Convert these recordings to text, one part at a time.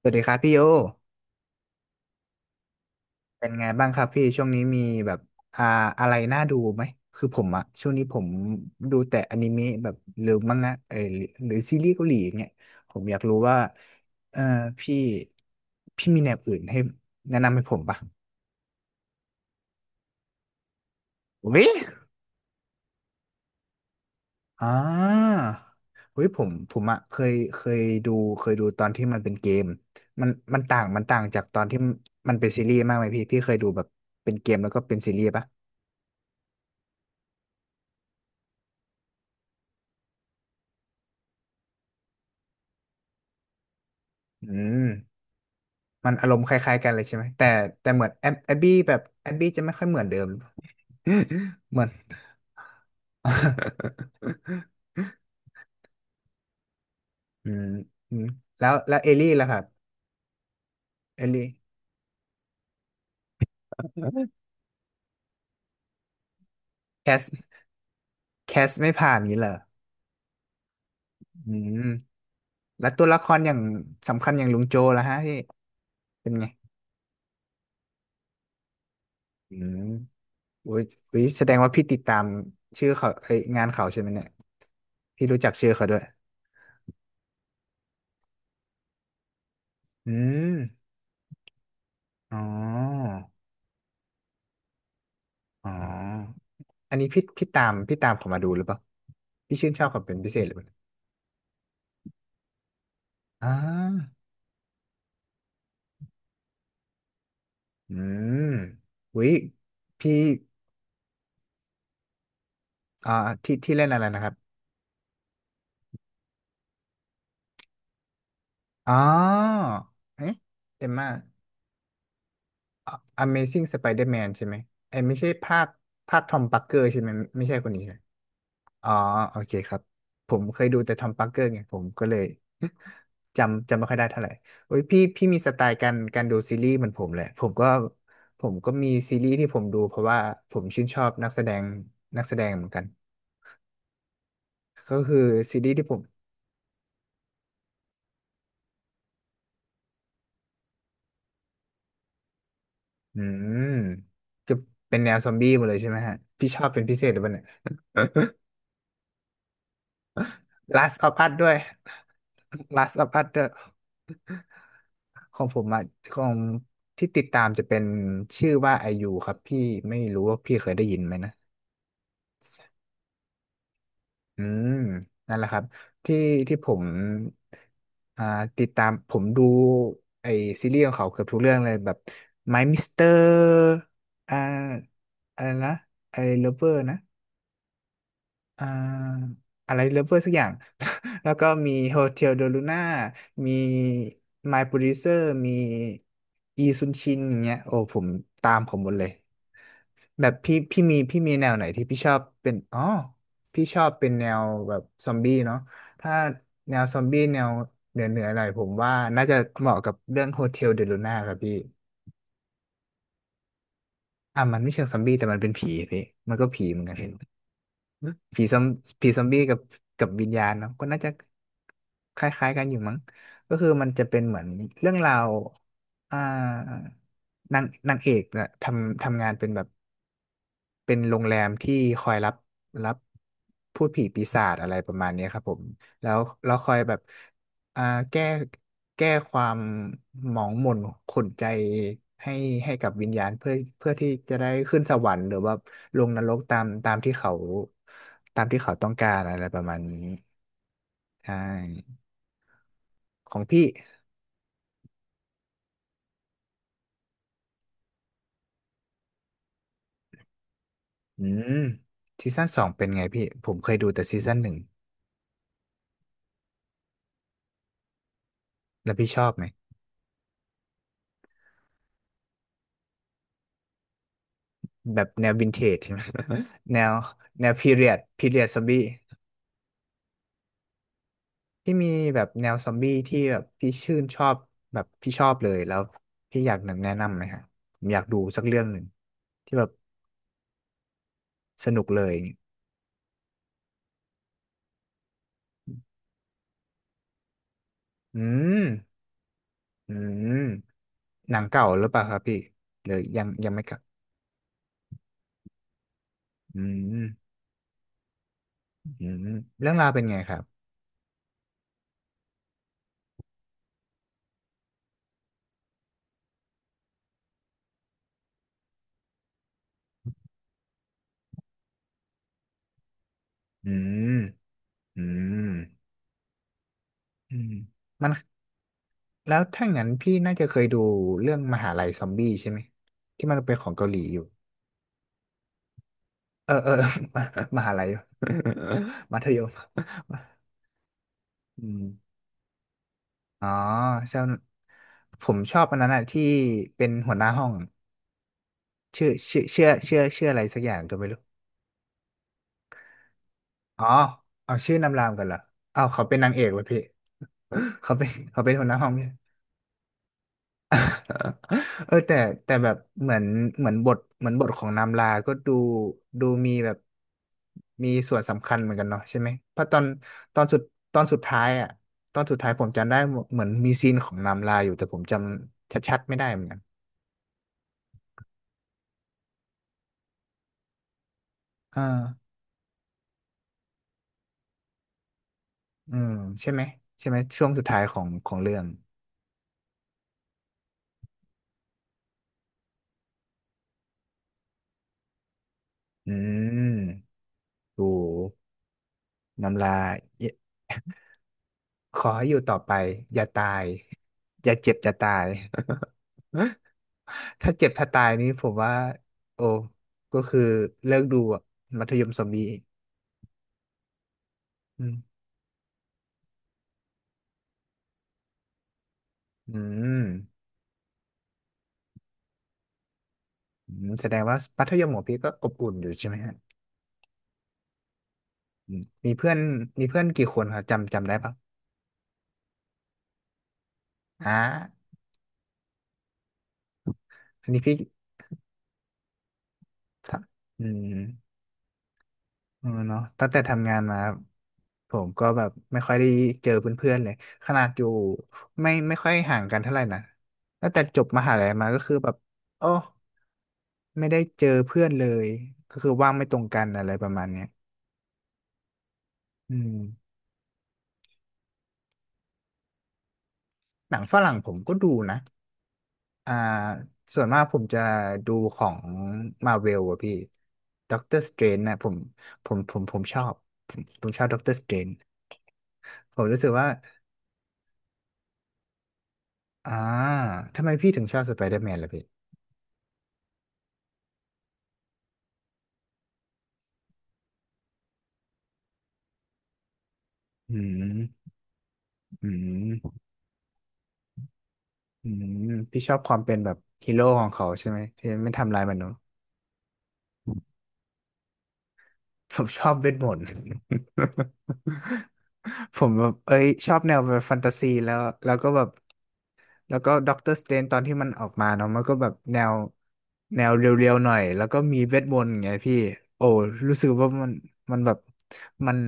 สวัสดีครับพี่โยเป็นไงบ้างครับพี่ช่วงนี้มีแบบอ่าอะไรน่าดูไหมคือผมอะช่วงนี้ผมดูแต่อนิเมะแบบหรือมังงะหรือซีรีส์เกาหลีอย่างเงี้ยผมอยากรู้ว่าเออพี่พี่มีแนวอื่นให้แนะนำให้ผมปะวิอ่าเฮ้ยผมอะดูเคยดูตอนที่มันเป็นเกมมันต่างจากตอนที่มันเป็นซีรีส์มากไหมพี่เคยดูแบบเป็นเกมแล้วก็เป็นซีรีส์ปะอืม มันอารมณ์คล้ายๆกันเลยใช่ไหมแต่เหมือนแอบบี้แบบแอบบี้จะไม่ค่อยเหมือนเดิม เหมือน อืมอืมแล้วเอลลี่ล่ะครับเอลลี่แคสแคสไม่ผ่านงี้เหรออืมแล้วตัวละครอย่างสำคัญอย่างลุงโจล่ะฮะพี่เป็นไงอืมอุ้ยอุ้ยแสดงว่าพี่ติดตามชื่อเขาเอ้ยงานเขาใช่ไหมเนี่ยพี่รู้จักชื่อเขาด้วยอืมอ๋ออ๋อ อันนี้พี่ตามเขามาดูหรือเปล่าพี่ชื่นชอบเขาเป็นพิเศษหรือเปล่าอ่าอืมอุ้ยพี่อ่าที่เล่นอะไรนะครับอ๋อเอ๊ะเอ็มม่า Amazing Spider-Man ใช่ไหมไอ้ยไม่ใช่ภาคทอม p ักเกอร์ใช่ไหมไม่ใช่คนนี้ใช่ อ๋อโอเคครับผมเคยดูแต่ทอมปาร์เกอร์ไงผมก็เลย จำไม่ค่อยได้เท่าไหร่โอ้ยพี่มีสไตล์การดูซีรีส์เหมือนผมเลยผมก็มีซีรีส์ที่ผมดูเพราะว่าผมชื่นชอบนักแสดงเหมือนกันก็คือซีรีส์ที่ผมอืมจะเป็นแนวซอมบี้หมดเลยใช่ไหมฮะพี่ชอบเป็นพิเศษหรือเปล่าเนี่ย Last of Us ด้วย Last of Us ด้วยของผมอะของที่ติดตามจะเป็นชื่อว่าไอยูครับพี่ไม่รู้ว่าพี่เคยได้ยินไหมนะ อืมนั่นแหละครับที่ที่ผมอ่าติดตามผมดูไอซีรีส์ของเขาเกือบทุกเรื่องเลยแบบ My Mister อ่าอะไรนะไอ Lover นะอ่าอะไร Lover สักอย่าง แล้วก็มี Hotel de Luna มี My Producer มีอีซุนชินอย่างเงี้ยโอ้ผมตามผมหมดเลย แบบพี่มีแนวไหนที่พี่ชอบเป็นอ๋อพี่ชอบเป็นแนวแบบซอมบี้เนาะถ้าแนวซอมบี้แนวเหนือหน่อยผมว่าน่าจะเหมาะกับเรื่องโฮเทลเดลูน่าครับพี่อ่ะมันไม่เชิงซอมบี้แต่มันเป็นผีพี่มันก็ผีเหมือนกันพี่ผีซอมผีซอมบี้กับวิญญาณเนาะก็น่าจะคล้ายๆกันอยู่มั้งก็คือมันจะเป็นเหมือนเรื่องราวอ่านางเอกนะทำงานเป็นแบบ เป็นโรงแรมที่คอยรับรับพูดผีปีศาจอะไรประมาณเนี้ยครับผมแล้วคอยแบบอ่าแก้แก้ความหมองหม่นขุ่นใจให้ให้กับวิญญาณเพื่อที่จะได้ขึ้นสวรรค์หรือว่าลงนรกตามตามที่เขาตามที่เขาต้องการอะไรประมาณนี้ใช่ของพี่อืมซีซั่นสองเป็นไงพี่ผมเคยดูแต่ซีซั่นหนึ่งแล้วพี่ชอบไหม แบบแนววินเทจใช่ไหม แนวพีเรียดซอมบี้พี่มีแบบแนวซอมบี้ที่แบบพี่ชื่นชอบแบบพี่ชอบเลยแล้วพี่อยากแนะนำไหมฮะผมอยากดูสักเรื่องหนึ่งที่แบบสนุกเลยอืมอืมหนังเก่าหรือเปล่าครับพี่หรือยังยังไม่เก่าอืมอืมเรื่องราวเป็นไงครับอืมอืมอืมมันแล้วถ้างั้นพี่น่าจะเคยดูเรื่องมหาลัยซอมบี้ใช่ไหมที่มันเป็นของเกาหลีอยู่ เออเออ มาหาลัย มัธยม อืมอ๋อชอบผมชอบอันนั้นอะที่เป็นหัวหน้าห้องชื่ออะไรสักอย่างก็ไม่รู้อ๋อเอาชื่อนำรามกันเหรอเอาวเขาเป็นนางเอกเลยพี่ เขาเป็นหัวหน้าห้องพี่ เออแต่แบบเหมือนเหมือนบทเหมือนบทของนามลา ก็ดูมีแบบมีส่วนสำคัญเหมือนกันเนาะใช่ไหมเพราะตอนสุดตอนสุดท้ายอ่ะตอนสุดท้ายผมจำได้เหมือนมีซีนของนามลาอยู่แต่ผมจำชัดๆไม่ได้เหมือนกันอ่าอืมใช่ไหมใช่ไหมช่วงสุดท้ายของเรื่องอืมโอ้นามลาขอให้อยู่ต่อไปอย่าตายอย่าเจ็บอย่าตาย ถ้าเจ็บถ้าตายนี้ผมว่าโอ้ก็คือเลิกดูอะมัธยมซอมบี้อืมอืมอืมแสดงว่ามัธยมของพี่ก็อบอุ่นอยู่ใช่ไหมฮะอืมมีเพื่อนกี่คนครับจำได้ปะอ่าอันนี้พี่ถามอืม เออเนาะตั้งแต่ทำงานมาผมก็แบบไม่ค่อยได้เจอเพื่อนๆเลยขนาดอยู่ไม่ค่อยห่างกันเท่าไหร่นะตั้งแต่จบมหาลัยมาก็คือแบบโอ้ไม่ได้เจอเพื่อนเลยก็คือว่างไม่ตรงกันอะไรประมาณเนี้ยอืมหนังฝรั่งผมก็ดูนะอ่าส่วนมากผมจะดูของมาเวลอะพี่ด็อกเตอร์สเตรนนะผมผมชอบผมชอบด็อกเตอร์สเตรนผมรู้สึกว่า อ่าทำไมพี่ถึงชอบสไปเดอร์แมนล่ะพี่อืมอืม อืม พี่ชอบความเป็นแบบฮีโร่ของเขาใช่ไหมพี่ไม่ทำลายมนุษย์ผมชอบเวทมนต์ ผมแบบเอ้ยชอบแนวแบบแฟนตาซีแล้วแล้วก็แบบ แล้วก็ด็อกเตอร์สเตนตอนที่มันออกมาเนาะมันก็แบบแนวเรียวๆหน่อยแล้วก็มีเวทมนต์ไงพี่โอ้รู้สึกว่ามันมันแบบมัน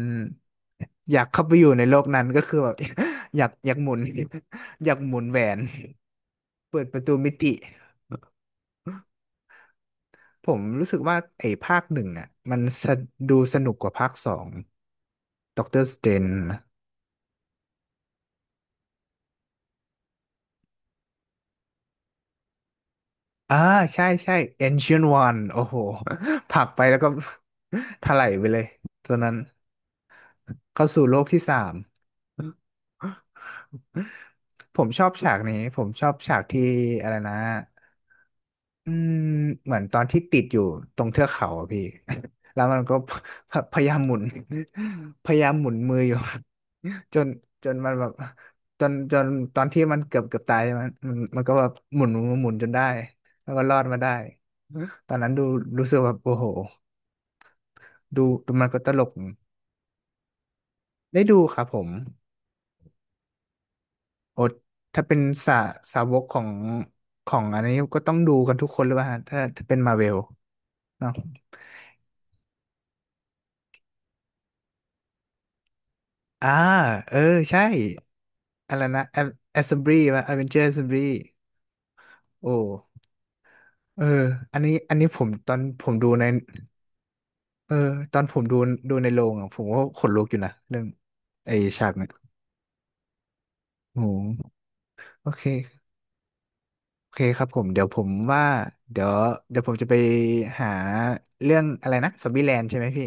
อยากเข้าไปอยู่ในโลกนั้นก็คือแบบ อยากหมุน อยากหมุนแหวนเปิดประตูมิติผมรู้สึกว่าไอ้ภาคหนึ่งอ่ะมันสะดูสนุกกว่าภาคสองด็อกเตอร์สเตน อ่าใช่ใช่ Ancient One โอ้โห ผลักไปแล้วก็ ถลายไปเลยตัวนั้นเข้าสู่โลกที่สามผมชอบฉากนี้ผมชอบฉากที่อะไรนะอืมเหมือนตอนที่ติดอยู่ตรงเทือกเขาอะพี่ แล้วมันก็ ยายามหมุน พยายามหมุนมืออยู่ จนจนมันแบบจนจนตอนที่มันเกือบตายมันก็แบบหมุนจนได้แล้วก็รอดมาได้ ตอนนั้นดูรู้สึกแบบโอ้โหดูมันก็ตลกได้ดูครับผมโอ้ถ้าเป็นสาสาวกของของอันนี้ก็ต้องดูกันทุกคนหรือเปล่าฮะถ้าเป็นมาเวลเนาะอ่าเออใช่อะไรนะแอสเซมบลีว่าอเวนเจอร์แอสเซมบลีโอ้เอออันนี้ผมตอนผมดูในเออตอนผมดูในโรงอ่ะผมก็ขนลุกอยู่นะเรื่องไอ้ฉากเนี่ยโอ้โหโอเค โอเคครับผมเดี๋ยวผมว่าเดี๋ยวเดี๋ยวผมจะไปหาเรื่องอะไรนะซอมบี้แลนด์ใช่ไหมพี่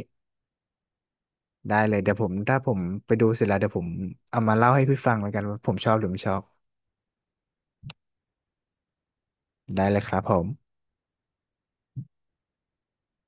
ได้เลยเดี๋ยวผมถ้าผมไปดูเสร็จแล้วเดี๋ยวผมเอามาเล่าให้พี่ฟังเหมือนกันว่าผมชอบหรือไม่ชอบได้เลยครับผม